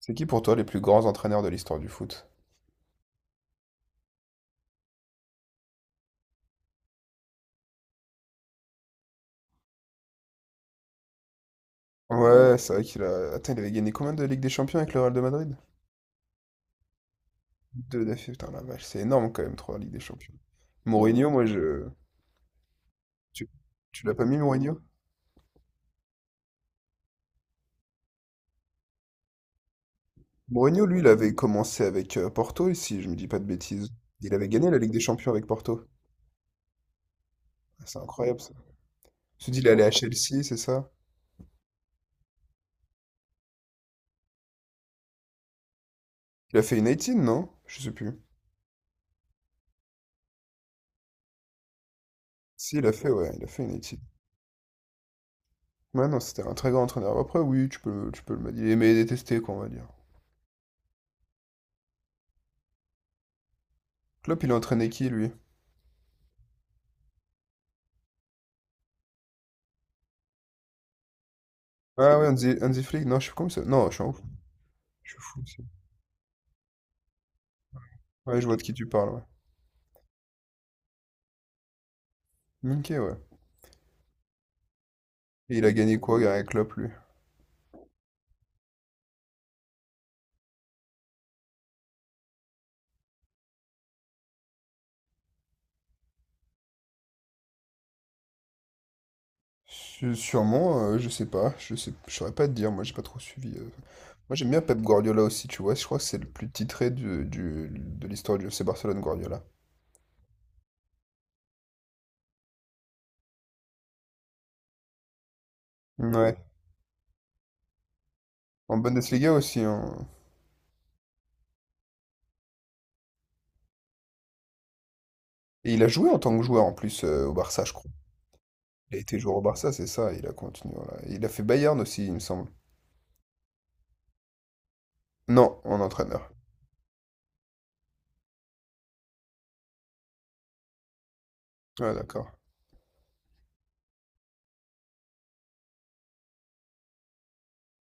C'est qui pour toi les plus grands entraîneurs de l'histoire du foot? Ouais, c'est vrai. Attends, il avait gagné combien de Ligue des Champions avec le Real de Madrid? Deux défaites, putain la vache, c'est énorme quand même, trois Ligue des Champions. Mourinho, moi je... Tu, tu l'as pas mis Mourinho? Mourinho, lui, il avait commencé avec Porto, ici, je me dis pas de bêtises. Il avait gagné la Ligue des Champions avec Porto. Ah, c'est incroyable ça. Tu dis, il est allé à Chelsea, c'est ça? Il a fait une 18, non? Je sais plus. Si, il a fait, ouais, il a fait une 18. Ouais, non, c'était un très grand entraîneur. Après, oui, tu peux le dire. Il aimait et détester, quoi, on va dire. Klopp, il a entraîné qui, lui? Ah ouais, un des flics, non, je suis comme ça. Non, je suis un fou. Je suis fou aussi. Ouais, je vois de qui tu parles, ouais. Ok, ouais. Et il a gagné quoi, Gary Klopp, lui? Sûrement, je sais pas, je saurais pas te dire, moi j'ai pas trop suivi. Moi j'aime bien Pep Guardiola aussi, tu vois, je crois que c'est le plus titré de l'histoire du FC Barcelone, Guardiola. Ouais, en Bundesliga aussi, hein. Et il a joué en tant que joueur en plus au Barça, je crois. Il a été joueur au Barça, c'est ça, il a continué, voilà. Il a fait Bayern aussi, il me semble. Non, en entraîneur. Ouais, d'accord.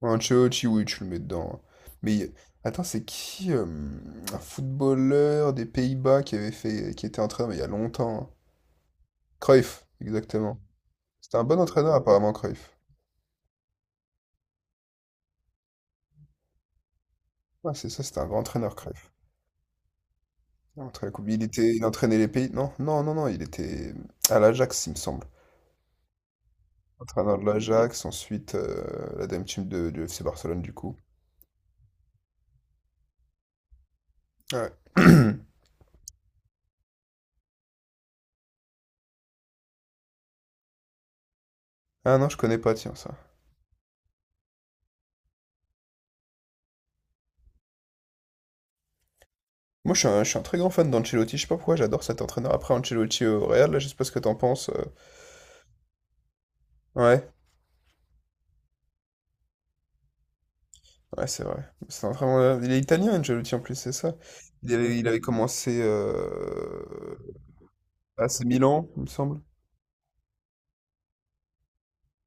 Ancelotti, oui, tu le mets dedans, hein. Mais attends, c'est qui un footballeur des Pays-Bas qui avait fait, qui était entraîneur mais il y a longtemps, hein. Cruyff, exactement. C'était un bon entraîneur apparemment, Cruyff. Ouais, c'est ça, c'était un grand entraîneur, Cruyff. Il a entraîné la Coupe- il était, il entraînait les pays. Non, non, non, non, il était à l'Ajax, il me semble. Entraîneur de l'Ajax, ensuite la dame team de, du FC Barcelone du coup. Ouais. Ah non, je connais pas, tiens, ça. Moi, je suis un très grand fan d'Ancelotti. Je sais pas pourquoi, j'adore cet entraîneur. Après Ancelotti au Real, là, je sais pas ce que t'en penses. Ouais, ouais, c'est vrai. C'est un très bon. Il est italien, Ancelotti, en plus, c'est ça. Il avait commencé AC Milan, il me semble.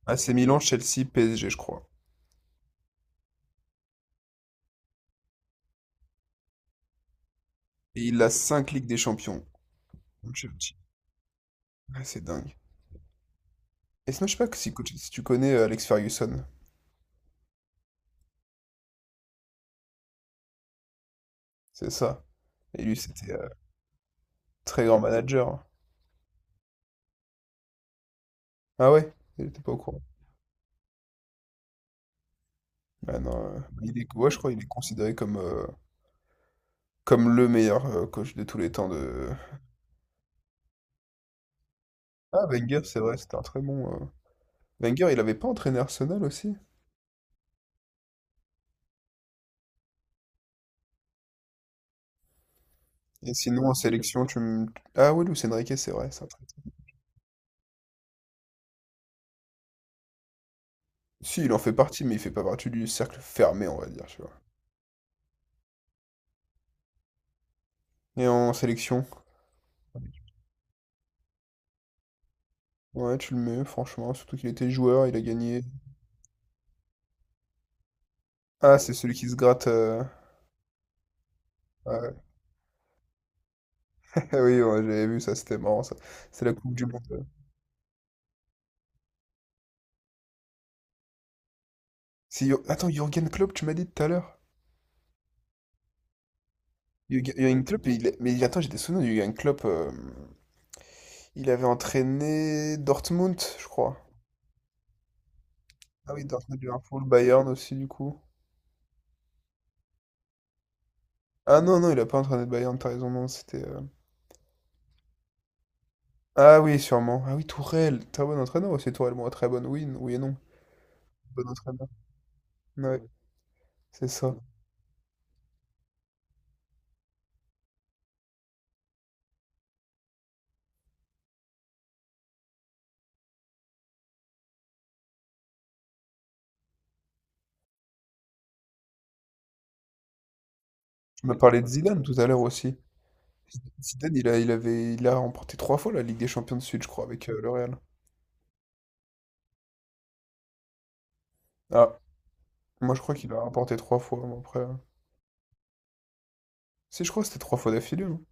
AC Milan, Chelsea, PSG, je crois. Et il a cinq Ligues des Champions, Ancelotti. Ouais, c'est dingue. Et sinon, je sais pas que si, si tu connais Alex Ferguson, c'est ça. Et lui, c'était très grand manager. Ah ouais? Il était pas au courant. Ah non, bah, il est, ouais, je crois qu'il est considéré comme le meilleur coach de tous les temps de... Ah, Wenger, c'est vrai, c'était un très bon. Wenger, il avait pas entraîné Arsenal aussi? Et sinon, en sélection, tu me... Ah oui, Luis Enrique, c'est vrai, ça. Si, il en fait partie, mais il fait pas partie du cercle fermé, on va dire, tu vois. Et en sélection? Ouais, tu le mets, franchement, surtout qu'il était joueur, il a gagné. Ah, c'est celui qui se gratte... ouais. Oui, ouais, j'avais vu ça, c'était marrant, ça. C'est la Coupe du Monde. C'est Attends, Jürgen Klopp, tu m'as dit tout à l'heure. Jürgen Klopp, mais attends, j'étais souvenir de Jürgen Klopp. Il avait entraîné Dortmund, je crois. Ah oui, Dortmund, Liverpool, Bayern aussi, du coup. Ah non, non, il a pas entraîné le Bayern, t'as raison, non, c'était. Ah oui, sûrement. Ah oui, Tourelle, très bon entraîneur aussi, Tourelle, bon, très bonne, oui, oui et non, bon entraîneur. Ouais, c'est ça. Je me parlais de Zidane tout à l'heure aussi. Zidane, il a remporté trois fois la Ligue des Champions de Suite, je crois, avec le Real. Ah, moi je crois qu'il a remporté trois fois, mais après. Si, je crois que c'était trois fois d'affilée, non?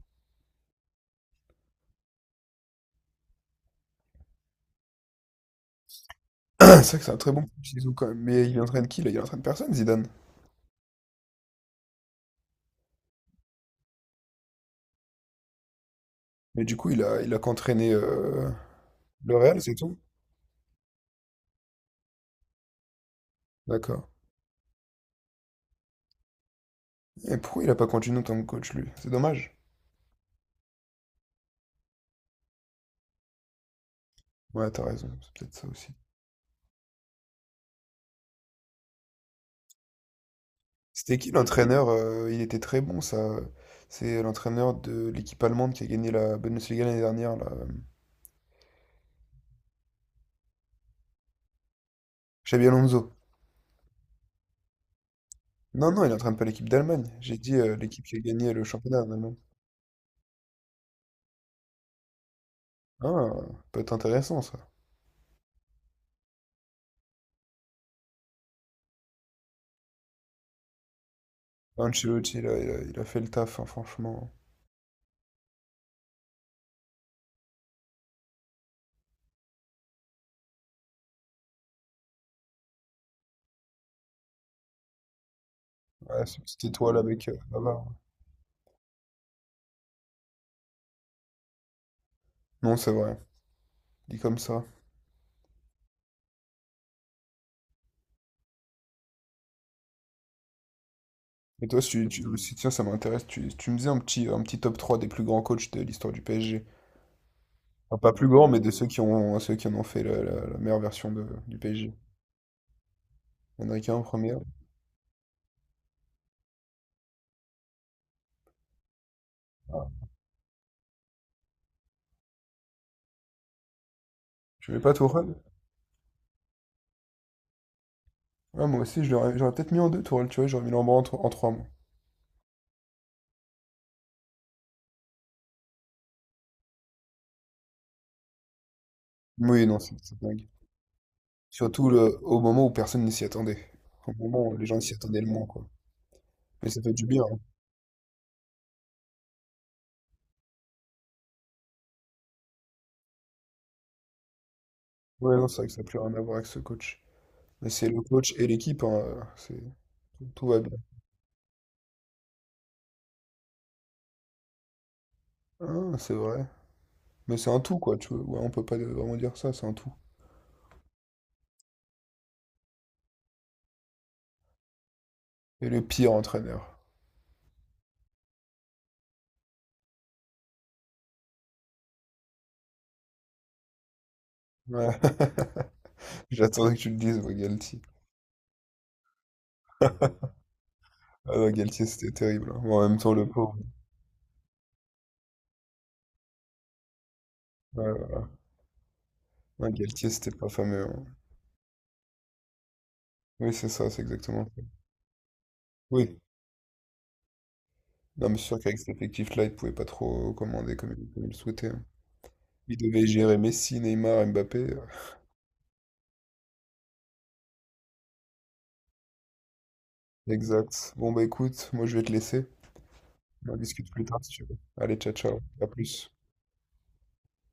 C'est vrai que c'est un très bon coach, Zizou, quand même. Mais il entraîne qui, là? Il entraîne personne, Zidane. Mais du coup, il a qu'entraîné le Real, c'est tout? D'accord. Et pourquoi il a pas continué en tant que coach, lui? C'est dommage. Ouais, t'as raison, c'est peut-être ça aussi. C'était qui l'entraîneur? Il était très bon, ça. C'est l'entraîneur de l'équipe allemande qui a gagné la Bundesliga l'année dernière, là. Xabi Alonso. Non, non, il n'entraîne pas l'équipe d'Allemagne. J'ai dit l'équipe qui a gagné le championnat en Allemagne. Ah, peut être intéressant, ça. Ancelotti, là, il a fait le taf, hein, franchement. Ouais, cette petite étoile avec Bavard. Non, c'est vrai. Dit comme ça. Et toi, si tu, tu- si- tiens, ça m'intéresse, tu me faisais un petit top 3 des plus grands coachs de l'histoire du PSG. Enfin, pas plus grand, mais de ceux qui en ont fait la meilleure version du PSG. Enrique en a qu'un en première. Ah. Tu mets pas Tourelle? Ouais, moi aussi, je l'aurais- j'aurais peut-être mis en deux Tourelle, tu vois, j'aurais mis Lambrand en, tro- en trois, moi. Oui, non, c'est dingue. Surtout le, au moment où personne ne s'y attendait. Au moment où les gens s'y attendaient le moins, quoi. Mais ça fait du bien, hein. Ouais, non, c'est vrai que ça n'a plus rien à voir avec ce coach. Mais c'est le coach et l'équipe, hein, c'est, tout va bien. Ah, c'est vrai. Mais c'est un tout, quoi, tu vois. Ouais, on peut pas vraiment dire ça, c'est un tout. Et le pire entraîneur. Ouais. J'attendais que tu le dises, moi, Galtier. Ah non, Galtier, c'était terrible, hein. Mais en même temps, le pauvre. Ouais, voilà. Ouais, Galtier, c'était pas fameux, hein. Oui, c'est ça, c'est exactement ça. Oui. Non, mais c'est sûr qu'avec cet effectif-là, il pouvait pas trop commander comme il le souhaitait, hein. Il devait gérer Messi, Neymar, Mbappé. Exact. Bon, bah écoute, moi je vais te laisser. On en discute plus tard si tu veux. Allez, ciao, ciao. À plus.